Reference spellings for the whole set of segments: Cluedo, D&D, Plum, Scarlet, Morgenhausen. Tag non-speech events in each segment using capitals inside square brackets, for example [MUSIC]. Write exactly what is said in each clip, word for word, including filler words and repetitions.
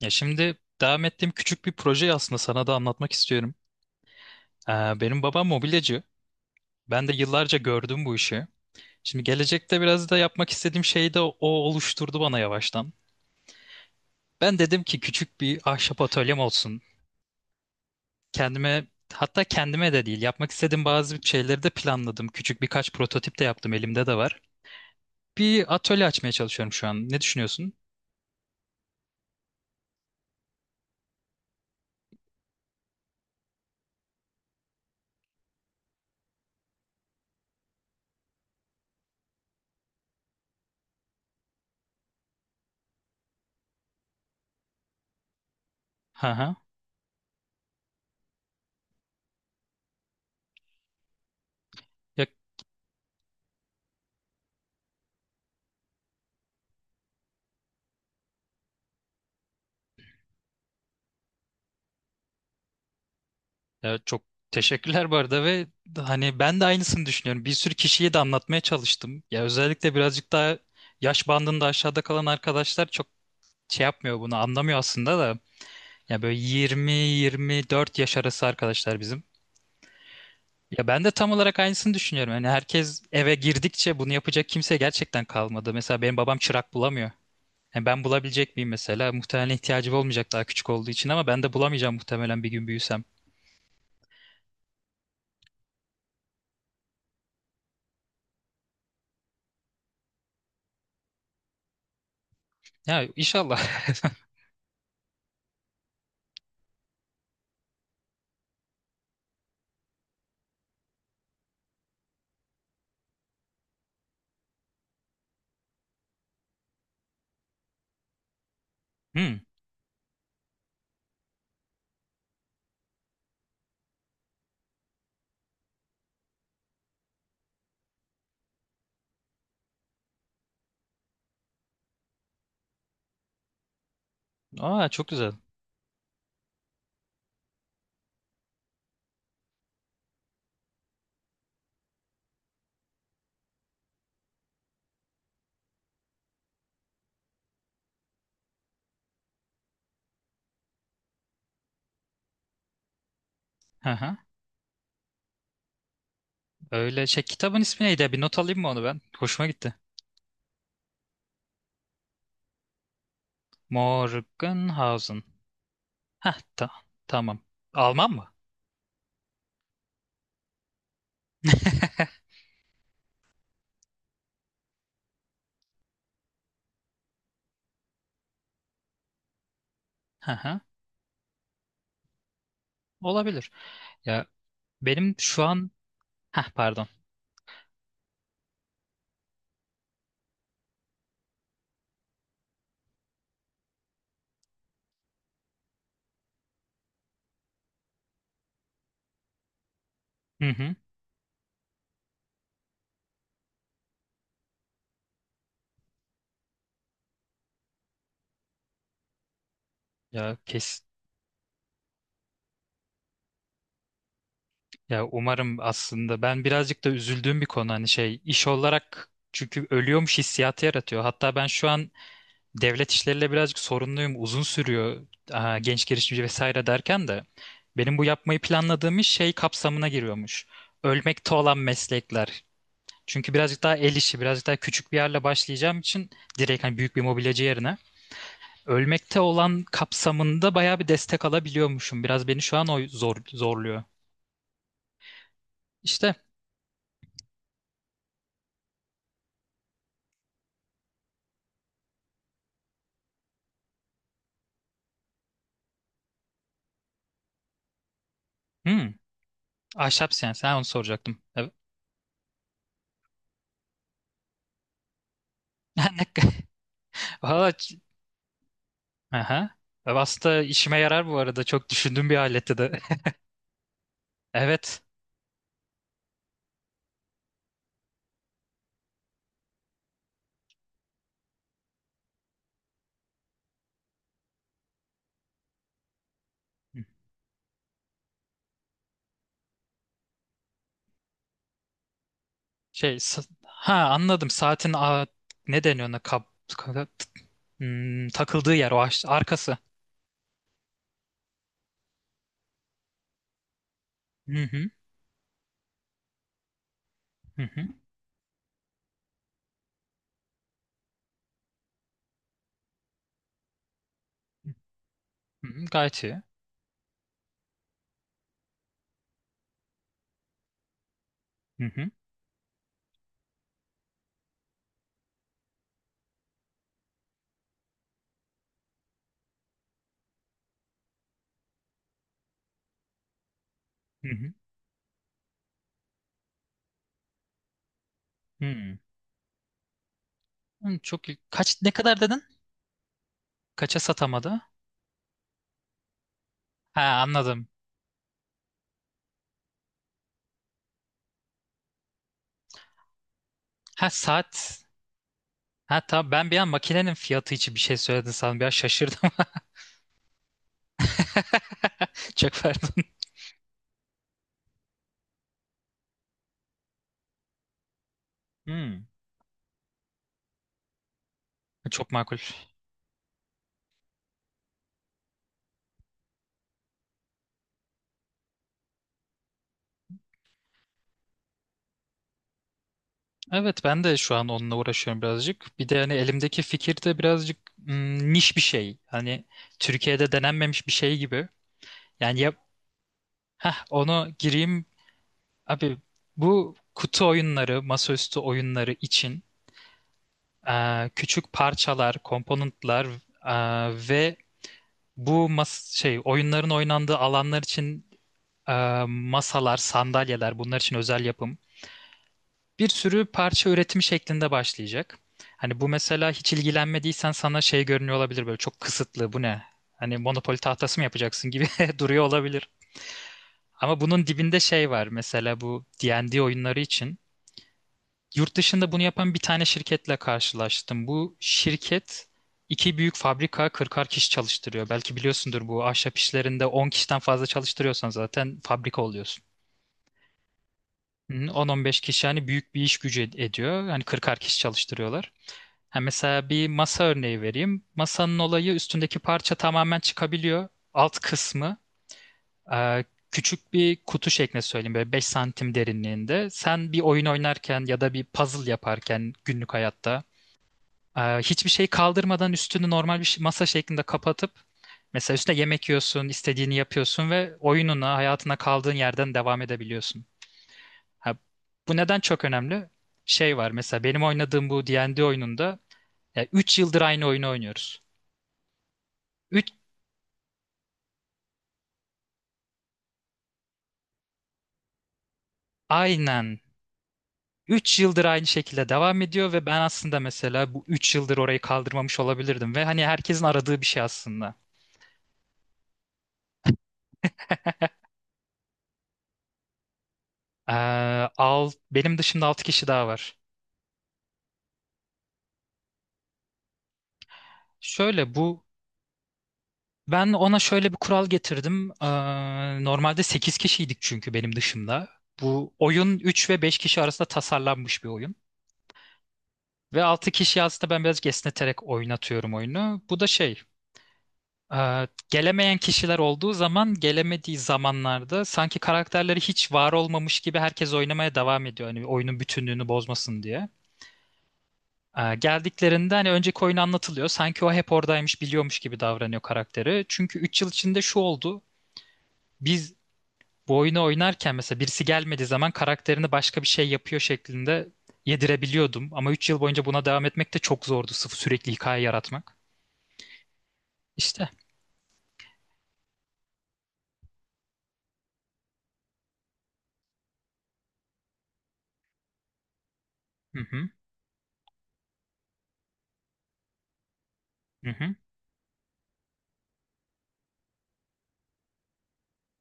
Ya şimdi devam ettiğim küçük bir projeyi aslında sana da anlatmak istiyorum. Ee, Benim babam mobilyacı. Ben de yıllarca gördüm bu işi. Şimdi gelecekte biraz da yapmak istediğim şeyi de o oluşturdu bana yavaştan. Ben dedim ki küçük bir ahşap atölyem olsun. Kendime, hatta kendime de değil, yapmak istediğim bazı şeyleri de planladım. Küçük birkaç prototip de yaptım, elimde de var. Bir atölye açmaya çalışıyorum şu an. Ne düşünüyorsun? Hı hı. Ya, ya çok teşekkürler bu arada, ve hani ben de aynısını düşünüyorum. Bir sürü kişiye de anlatmaya çalıştım. Ya özellikle birazcık daha yaş bandında aşağıda kalan arkadaşlar çok şey yapmıyor, bunu anlamıyor aslında da. Ya böyle yirmi yirmi dört yaş arası arkadaşlar bizim. Ya ben de tam olarak aynısını düşünüyorum. Yani herkes eve girdikçe bunu yapacak kimse gerçekten kalmadı. Mesela benim babam çırak bulamıyor. Yani ben bulabilecek miyim mesela? Muhtemelen ihtiyacım olmayacak daha küçük olduğu için, ama ben de bulamayacağım muhtemelen bir gün büyüsem. Ya inşallah. [LAUGHS] Hmm. Aa, çok güzel. Hı hı. Öyle şey, kitabın ismi neydi? Bir not alayım mı onu ben? Hoşuma gitti. Morgenhausen. Heh ta tamam. Alman mı? Hı hı. Olabilir. Ya Benim şu an Heh, pardon. Hı hı. Ya kes ya umarım. Aslında ben birazcık da üzüldüğüm bir konu, hani şey iş olarak, çünkü ölüyormuş hissiyatı yaratıyor. Hatta ben şu an devlet işleriyle birazcık sorunluyum. Uzun sürüyor. Aa, genç girişimci vesaire derken de benim bu yapmayı planladığım iş şey kapsamına giriyormuş. Ölmekte olan meslekler. Çünkü birazcık daha el işi, birazcık daha küçük bir yerle başlayacağım için, direkt hani büyük bir mobilyacı yerine. Ölmekte olan kapsamında bayağı bir destek alabiliyormuşum. Biraz beni şu an o zor, zorluyor. İşte. hmm, Ahşap, sen onu soracaktım. Evet. [LAUGHS] Ne- ka- Valla ç- aha. Aslında işime yarar bu arada. Çok düşündüğüm bir aletti de. [LAUGHS] Evet. Şey sa- ha, anladım. Saatin a- ne deniyor ona, kap, ka- hmm, takıldığı yer o ahş- arkası. Hı hı. Hı hı. Hı hı. Gayet iyi. Hı hı. Hı hı. Hı. Hı. Hmm. Çok iyi. Kaç ne kadar dedin? Kaça satamadı? Ha, anladım. Ha, saat. Ha, tamam, ben bir an makinenin fiyatı için bir şey söyledin sandım. Biraz şaşırdım. [LAUGHS] Çok pardon. Hmm, çok makul. Evet, ben de şu an onunla uğraşıyorum birazcık. Bir de hani elimdeki fikir de birazcık mm, niş bir şey. Hani Türkiye'de denenmemiş bir şey gibi. Yani yap, heh, onu gireyim. Abi, bu kutu oyunları, masaüstü oyunları için, eee, küçük parçalar, komponentler, eee, ve bu mas şey oyunların oynandığı alanlar için, e, masalar, sandalyeler, bunlar için özel yapım. Bir sürü parça üretimi şeklinde başlayacak. Hani bu mesela hiç ilgilenmediysen sana şey görünüyor olabilir, böyle çok kısıtlı, bu ne? Hani Monopoly tahtası mı yapacaksın gibi [LAUGHS] duruyor olabilir. Ama bunun dibinde şey var, mesela bu di end di oyunları için. Yurt dışında bunu yapan bir tane şirketle karşılaştım. Bu şirket iki büyük fabrika, kırkar kişi çalıştırıyor. Belki biliyorsundur, bu ahşap işlerinde on kişiden fazla çalıştırıyorsan zaten fabrika oluyorsun. Hı, on on beş kişi hani büyük bir iş gücü ed- ediyor. Hani kırkar kişi çalıştırıyorlar. Ha, mesela bir masa örneği vereyim. Masanın olayı, üstündeki parça tamamen çıkabiliyor. Alt kısmı e, küçük bir kutu şeklinde söyleyeyim, böyle beş santim derinliğinde. Sen bir oyun oynarken ya da bir puzzle yaparken günlük hayatta e, hiçbir şey kaldırmadan üstünü normal bir şey- masa şeklinde kapatıp mesela üstüne yemek yiyorsun, istediğini yapıyorsun ve oyununa, hayatına kaldığın yerden devam edebiliyorsun. Ha, bu neden çok önemli? Şey var, mesela benim oynadığım bu D ve D oyununda üç yıldır aynı oyunu oynuyoruz. üç. Aynen, üç yıldır aynı şekilde devam ediyor ve ben aslında mesela bu üç yıldır orayı kaldırmamış olabilirdim ve hani herkesin aradığı bir şey aslında. Ee, al, Benim dışımda altı kişi daha var. Şöyle bu Ben ona şöyle bir kural getirdim. Ee, normalde sekiz kişiydik, çünkü benim dışımda. Bu oyun üç ve beş kişi arasında tasarlanmış bir oyun. Ve altı kişi, aslında ben birazcık esneterek oynatıyorum oyunu. Bu da şey, e, gelemeyen kişiler olduğu zaman, gelemediği zamanlarda sanki karakterleri hiç var olmamış gibi herkes oynamaya devam ediyor. Hani oyunun bütünlüğünü bozmasın diye. E, geldiklerinde hani önceki oyun anlatılıyor. Sanki o hep oradaymış, biliyormuş gibi davranıyor karakteri. Çünkü üç yıl içinde şu oldu. Biz bu oyunu oynarken mesela birisi gelmediği zaman karakterini başka bir şey yapıyor şeklinde yedirebiliyordum. Ama üç yıl boyunca buna devam etmek de çok zordu. Sıfır sürekli hikaye yaratmak. İşte. Hı hı. Hı hı.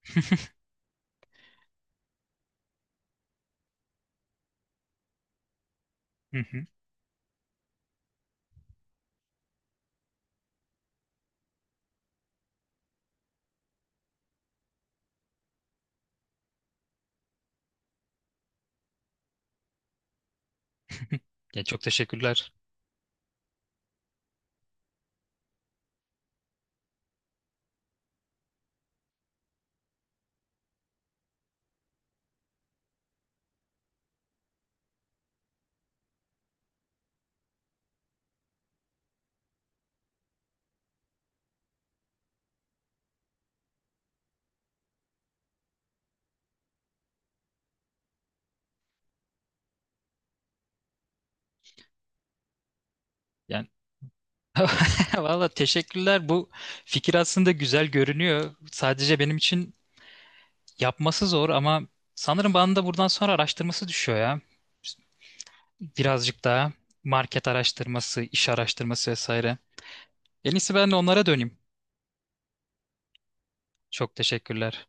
[LAUGHS] Hı hı. Ya, çok teşekkürler. Yani [LAUGHS] valla teşekkürler. Bu fikir aslında güzel görünüyor. Sadece benim için yapması zor, ama sanırım bana da buradan sonra araştırması düşüyor ya. Birazcık daha market araştırması, iş araştırması vesaire. En iyisi ben de onlara döneyim. Çok teşekkürler.